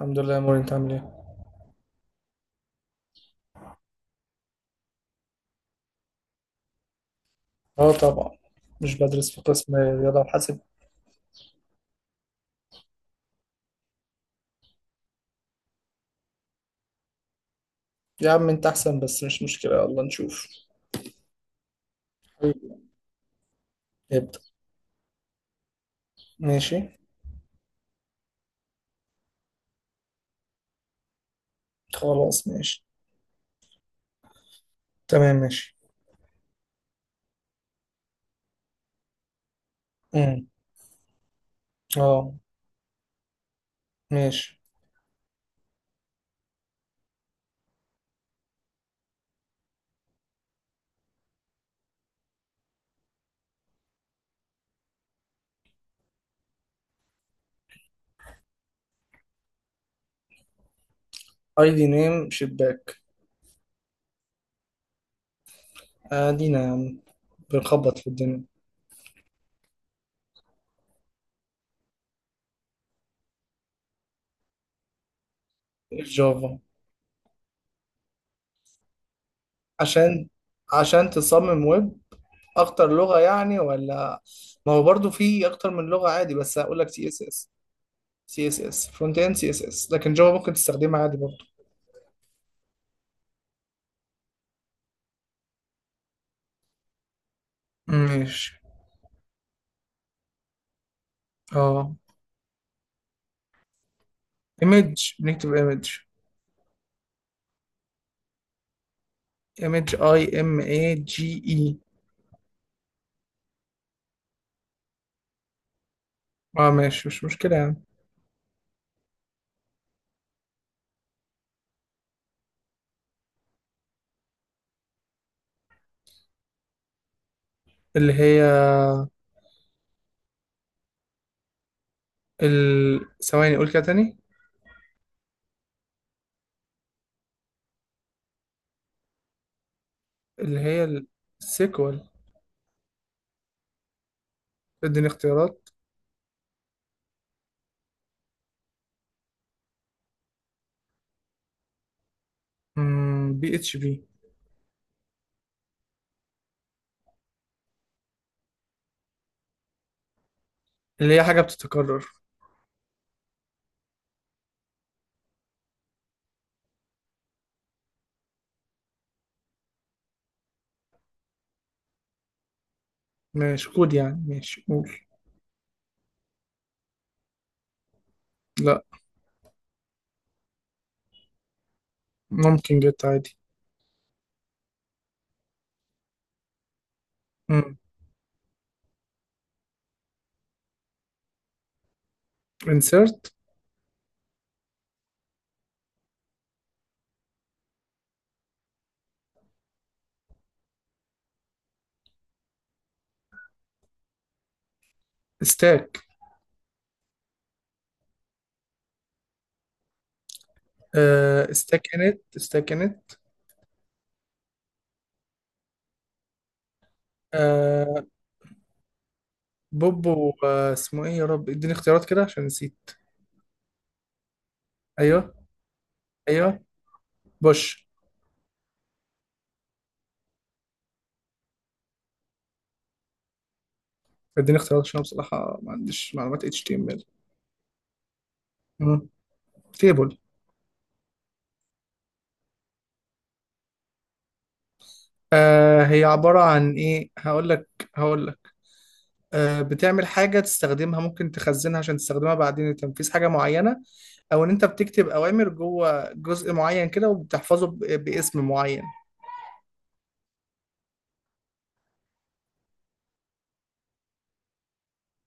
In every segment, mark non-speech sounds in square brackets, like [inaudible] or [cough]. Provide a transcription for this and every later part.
الحمد لله يا موري، انت عامل ايه؟ اه طبعا، مش بدرس في قسم رياضة وحاسب. يا عم انت احسن، بس مش مشكلة، يلا نشوف. حبيبي. ابدأ. ماشي. خلاص ماشي. تمام ماشي. امم اه ماشي. اي دي نيم شباك. ادينا يا عم. بنخبط في الدنيا. جافا. عشان عشان تصمم ويب، اكتر لغة يعني، ولا ما هو برضو في اكتر من لغة عادي؟ بس هقول لك سي اس اس سي اس اس فرونت اند، سي اس اس، لكن جافا ممكن تستخدمها عادي برضو. ماشي. اه ايمج، بنكتب ايمج. ايمج اي ام اي جي اي. اه ماشي، مش مشكلة يعني. اللي هي ثواني، قول كده تاني. اللي هي السيكوال. اديني اختيارات. بي اتش بي. اللي هي حاجة بتتكرر. ماشي، كود يعني، ماشي قول. لا، ممكن جت عادي. مم. insert. stack. آه stack init stack init. آه بوبو، آه اسمه ايه يا رب، اديني اختيارات كده عشان نسيت. ايوه، ايوه، بوش. اديني اختيارات عشان أنا بصراحة ما عنديش معلومات HTML. مم. تيبل. آه هي عبارة عن ايه، هقول لك، هقول لك آه بتعمل حاجة تستخدمها، ممكن تخزنها عشان تستخدمها بعدين لتنفيذ حاجة معينة. او ان انت بتكتب اوامر جوه جزء معين كده، وبتحفظه باسم معين.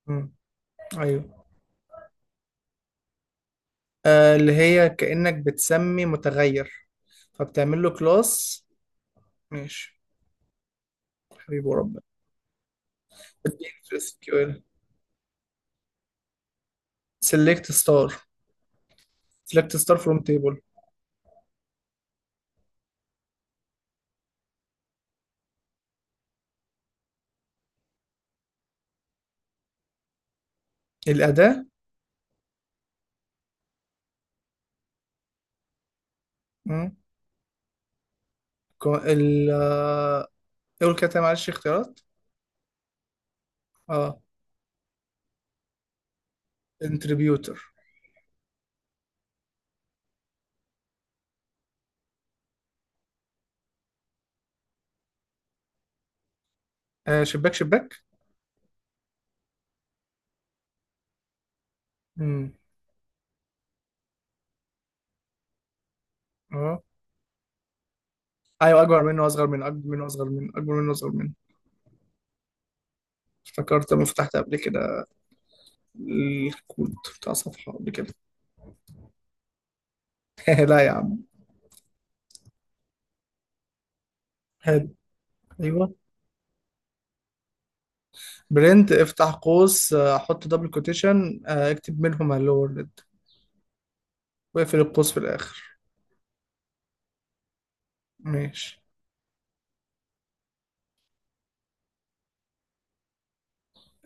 مم. ايوه. آه اللي هي كأنك بتسمي متغير، فبتعمل له كلاس. ماشي. حبيبي وربنا. اديني في اس كيو ال. سيلكت ستار. سيلكت ستار فروم تيبل. الأداة. مم. كو- ال آه، قول كده تاني، معلش اختيارات. اه انتربيوتر. آه شباك شباك. امم اه ايوه، اكبر منه واصغر منه، اكبر منه واصغر منه، اكبر منه واصغر منه. افتكرت لما فتحت قبل كده الكود بتاع صفحة قبل كده. [laughs] لا يا عم. حلو. ايوه. برنت، افتح قوس، حط دبل كوتيشن، اكتب منهما اللورد، واقفل القوس في الاخر. ماشي.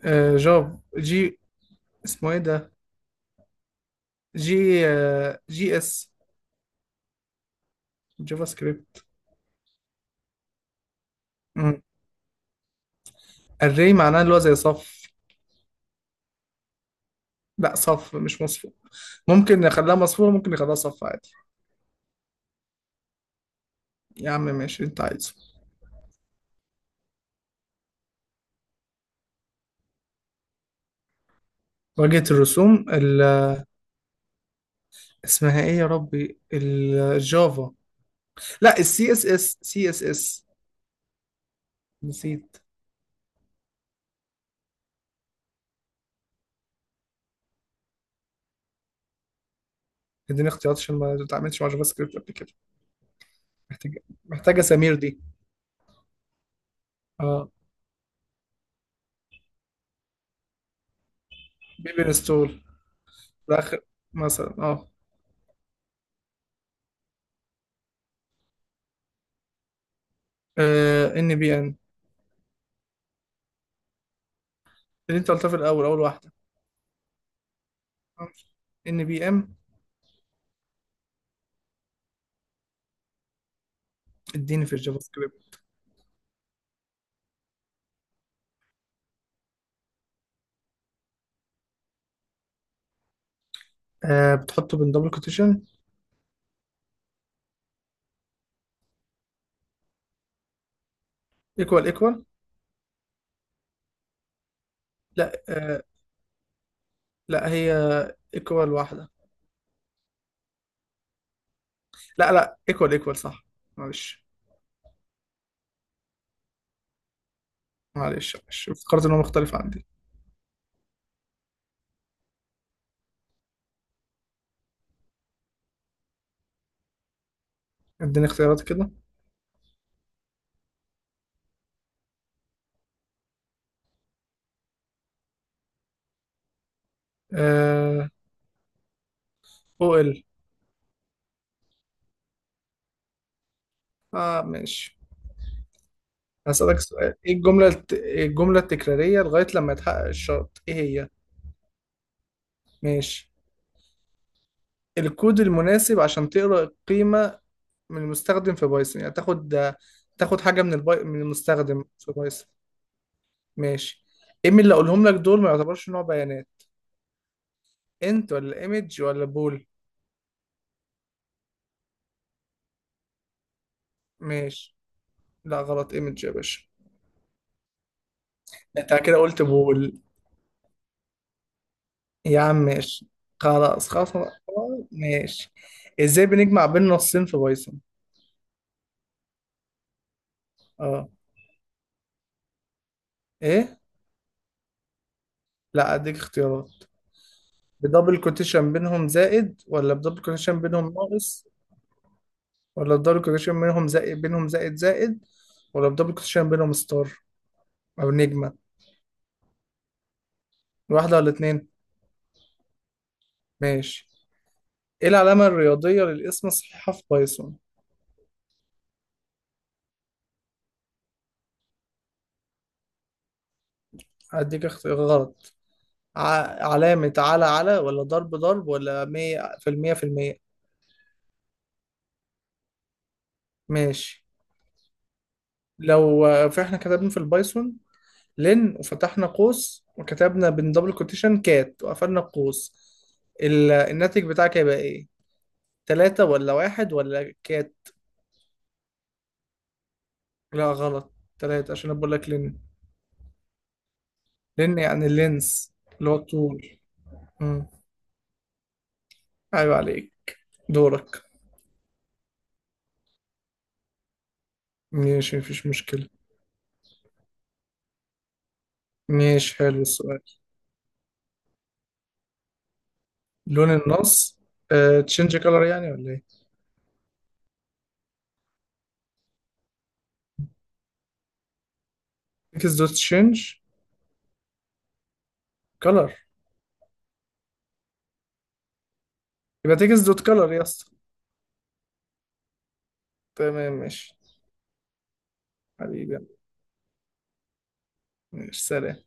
آه جافا جي، اسمه ايه ده، جي جي اس. جافا سكريبت. الري معناه اللي هو زي صف. لا صف مش مصفوف، ممكن نخليها مصفوفة، ممكن نخليها صف عادي. يا عم ماشي اللي انت عايزه. واجهة الرسوم اسمها ايه يا ربي، الجافا. لا السي اس اس، سي اس اس. نسيت. اديني اختيارات عشان ما اتعاملتش مع جافا سكريبت قبل كده. محتاجة محتاجة سمير دي. اه. بيبي انستول. ده اخر مثلا. اه ان بي ان. اللي انت قلتها في الاول، اول واحده. ان بي ام. اديني في الجافا سكريبت. آه بتحطه بين دبل كوتيشن. ايكوال ايكوال. لا لا هي ايكوال واحدة. لا لا ايكوال ايكوال صح. معلش معلش معلش، افتكرت ان هو مختلف عندي. اديني اختيارات كده. آه او ال. اه ماشي. هسألك سؤال، ايه إيه الجملة التكرارية لغاية لما يتحقق الشرط ايه هي؟ ماشي. الكود المناسب عشان تقرأ القيمة من المستخدم في بايثون، يعني تاخد، تاخد حاجة من المستخدم في بايثون. ماشي. ايه من اللي اقولهم لك دول ما يعتبرش نوع بيانات؟ انت ولا ايمج ولا بول. ماشي. لا غلط، ايمج يا باشا. انت كده قلت بول. يا عم ماشي. خلاص خلاص خلاص، ماشي. ازاي بنجمع بين نصين في بايثون؟ اه. ايه. لا، اديك اختيارات. بدبل كوتيشن بينهم زائد، ولا بدبل كوتيشن بينهم ناقص، ولا بدبل كوتيشن بينهم زائد بينهم زائد زائد، ولا بدبل كوتيشن بينهم ستار او نجمة. واحدة ولا اتنين؟ ماشي. ايه العلامة الرياضية للاسم الصحيحة في بايثون؟ هديك اختيار غلط. علامة على على، ولا ضرب ضرب، ولا مية في المية في المية. ماشي. لو فإحنا كتبنا في البايثون لن، وفتحنا قوس وكتبنا بين دبل كوتيشن كات وقفلنا القوس، الناتج بتاعك هيبقى إيه؟ تلاتة ولا واحد ولا كات؟ لا غلط. تلاتة، عشان أنا بقول لك لن. لن يعني اللينس، اللي هو الطول. مم. أيوة عليك دورك. ماشي مفيش مشكلة. ماشي حلو السؤال. لون النص، تشينج كلر يعني، ولا إيه؟ تكس دوت تشينج كلر. يبقى تكس دوت كلر يا اسطى. تمام ماشي. حبيبي. ماشي سلام.